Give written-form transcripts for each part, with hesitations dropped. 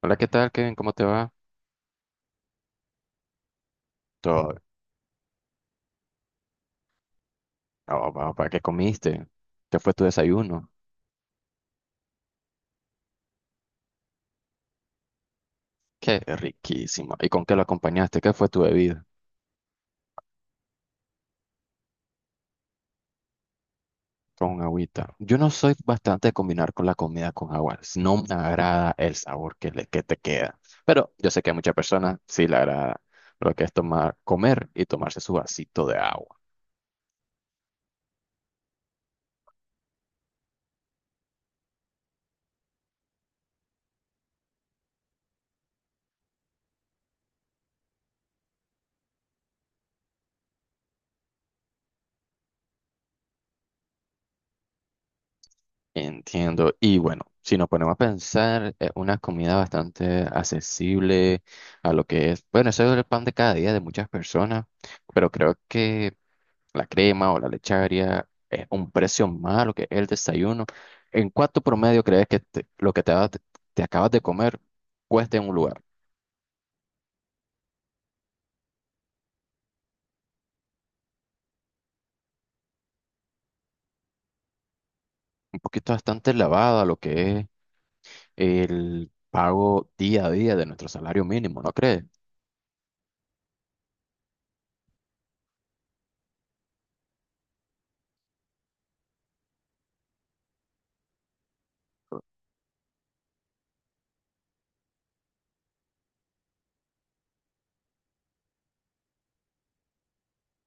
Hola, ¿qué tal, Kevin? ¿Cómo te va? Todo. Oh, va, va, ¿qué comiste? ¿Qué fue tu desayuno? Qué riquísimo. ¿Y con qué lo acompañaste? ¿Qué fue tu bebida? Con agüita. Yo no soy bastante de combinar con la comida con agua. No me agrada el sabor que te queda. Pero yo sé que a muchas personas sí le agrada lo que es tomar, comer y tomarse su vasito de agua. Entiendo. Y bueno, si nos ponemos a pensar, es una comida bastante accesible a lo que es, bueno, eso es el pan de cada día de muchas personas, pero creo que la crema o la lecharia es un precio más a lo que es el desayuno. ¿En cuánto promedio crees que lo que te acabas de comer cuesta en un lugar? Un poquito bastante elevado a lo que es el pago día a día de nuestro salario mínimo, ¿no crees?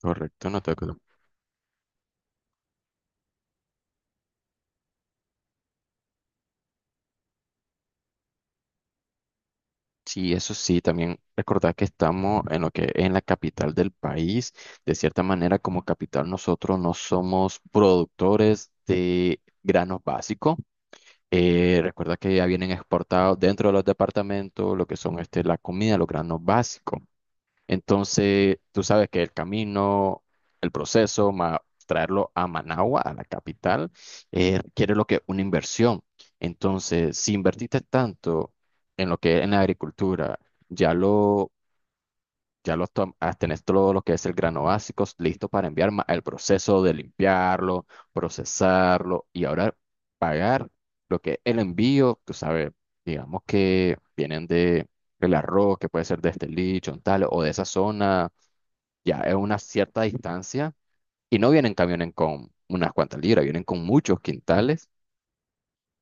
Correcto, no te. Sí, eso sí, también recordar que estamos en lo que es en la capital del país. De cierta manera, como capital, nosotros no somos productores de granos básicos. Recuerda que ya vienen exportados dentro de los departamentos lo que son este, la comida, los granos básicos. Entonces, tú sabes que el camino, el proceso, más traerlo a Managua, a la capital, requiere lo que una inversión. Entonces, si invertiste tanto en lo que es en la agricultura, ya lo, tenés todo lo que es el grano básico listo para enviar, más el proceso de limpiarlo, procesarlo y ahora pagar lo que es el envío, tú sabes, digamos que vienen de el arroz, que puede ser de este licho, tal, o de esa zona, ya es una cierta distancia y no vienen camiones con unas cuantas libras, vienen con muchos quintales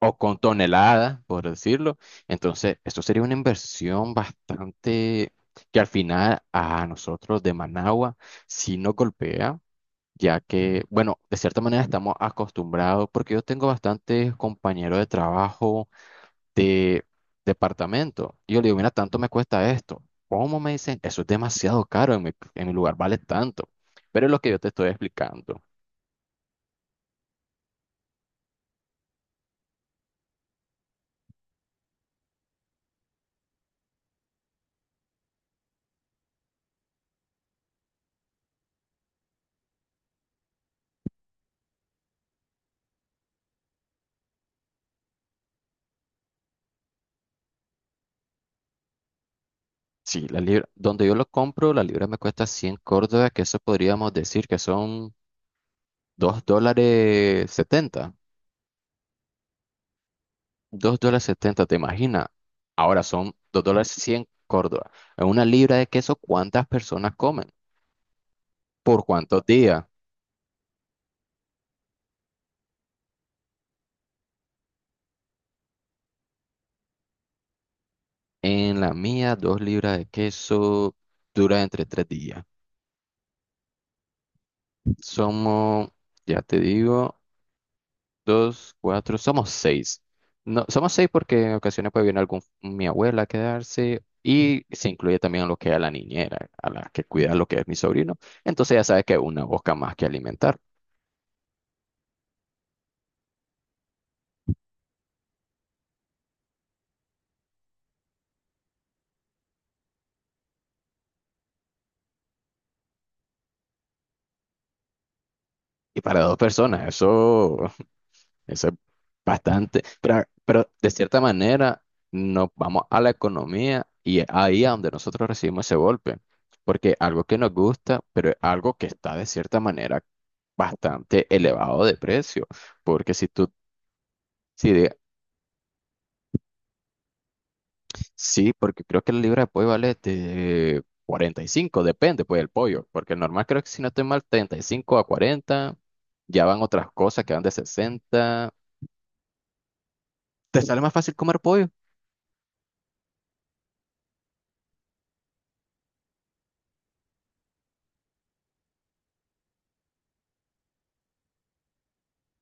o con toneladas, por decirlo. Entonces, esto sería una inversión bastante que al final a nosotros de Managua sí nos golpea, ya que, bueno, de cierta manera estamos acostumbrados, porque yo tengo bastantes compañeros de trabajo de departamento. Y yo le digo, mira, tanto me cuesta esto. ¿Cómo me dicen? Eso es demasiado caro, en mi lugar vale tanto. Pero es lo que yo te estoy explicando. Sí, la libra, donde yo lo compro, la libra me cuesta 100 córdobas, que eso podríamos decir que son $2.70. ¿Te imaginas? Ahora son $2 100 córdobas. En una libra de queso, ¿cuántas personas comen? ¿Por cuántos días? En la mía, 2 libras de queso dura entre 3 días. Somos, ya te digo, dos, cuatro, somos seis. No, somos seis porque en ocasiones puede venir algún, mi abuela a quedarse y se incluye también a lo que es a la niñera, a la que cuida lo que es mi sobrino. Entonces ya sabes que es una boca más que alimentar. Y para dos personas, eso. Eso es bastante, pero de cierta manera nos vamos a la economía y es ahí a donde nosotros recibimos ese golpe, porque algo que nos gusta, pero es algo que está de cierta manera bastante elevado de precio, porque si tú, si de- sí, porque creo que la libra de pollo vale de 45, depende pues del pollo, porque el normal creo que si no estoy mal 35 a 40, ya van otras cosas que van de 60, te sale más fácil comer pollo.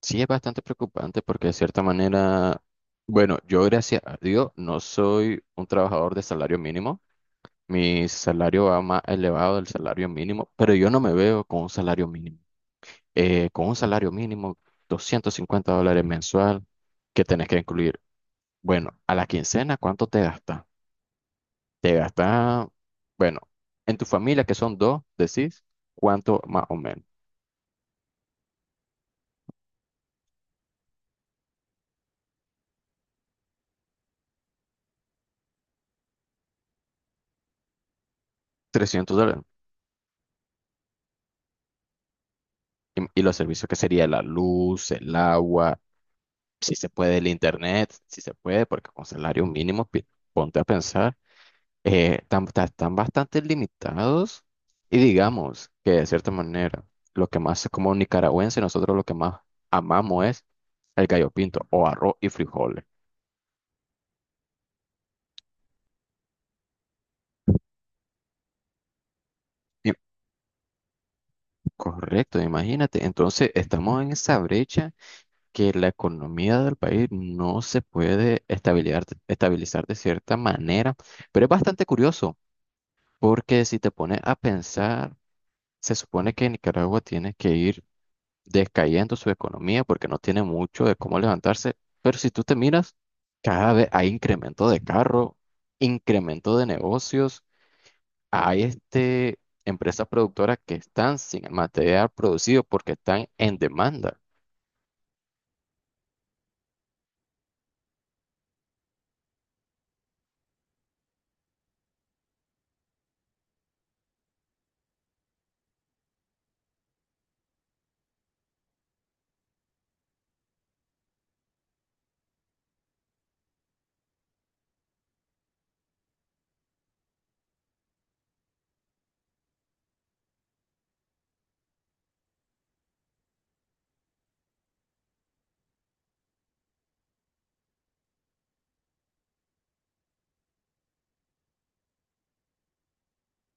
Sí, es bastante preocupante porque de cierta manera, bueno, yo gracias a Dios no soy un trabajador de salario mínimo. Mi salario va más elevado del salario mínimo, pero yo no me veo con un salario mínimo. Con un salario mínimo, $250 mensual, ¿que tenés que incluir? Bueno, a la quincena, ¿cuánto te gasta? Te gasta, bueno, en tu familia, que son dos, decís, ¿cuánto más o menos? $300. Y los servicios que sería la luz, el agua, si se puede el internet, si se puede, porque con salario mínimo, ponte a pensar, están bastante limitados y digamos que de cierta manera, lo que más como nicaragüense, nosotros lo que más amamos es el gallo pinto o arroz y frijoles. Y- Correcto, imagínate. Entonces estamos en esa brecha que la economía del país no se puede estabilizar de cierta manera, pero es bastante curioso porque si te pones a pensar. Se supone que Nicaragua tiene que ir descayendo su economía porque no tiene mucho de cómo levantarse, pero si tú te miras, cada vez hay incremento de carro, incremento de negocios, hay este, empresas productoras que están sin el material producido porque están en demanda.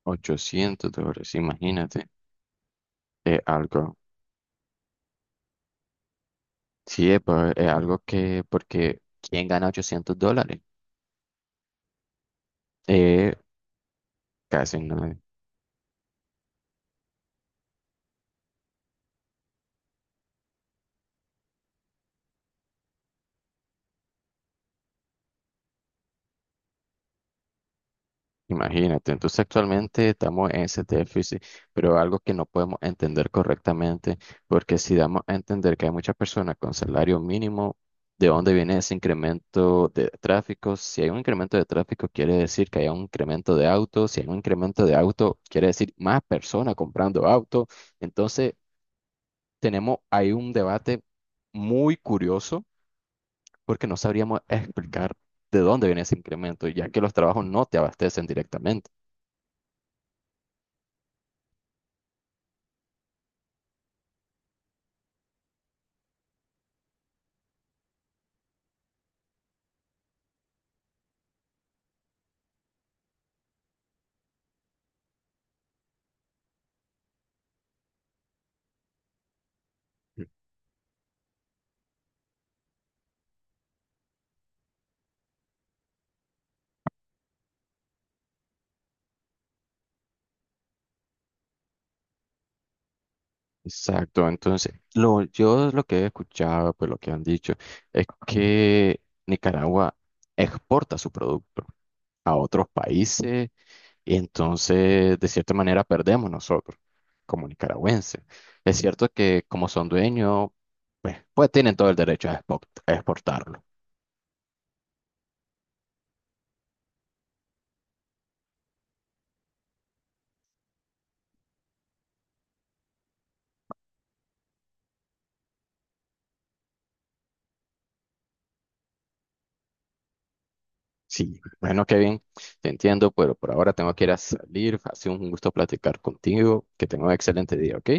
$800, imagínate, es algo, sí, es, es algo que, porque ¿quién gana $800? Eh, casi no. Imagínate, entonces actualmente estamos en ese déficit, pero algo que no podemos entender correctamente, porque si damos a entender que hay muchas personas con salario mínimo, ¿de dónde viene ese incremento de tráfico? Si hay un incremento de tráfico, quiere decir que hay un incremento de autos, si hay un incremento de auto, quiere decir más personas comprando autos. Entonces, tenemos ahí un debate muy curioso, porque no sabríamos explicar de dónde viene ese incremento, ya que los trabajos no te abastecen directamente. Exacto, entonces lo, yo lo que he escuchado, pues lo que han dicho, es que Nicaragua exporta su producto a otros países y entonces de cierta manera perdemos nosotros como nicaragüenses. Es cierto que como son dueños, pues, pues tienen todo el derecho a a exportarlo. Sí, bueno, Kevin, te entiendo, pero por ahora tengo que ir a salir. Ha sido un gusto platicar contigo, que tenga un excelente día, ¿ok?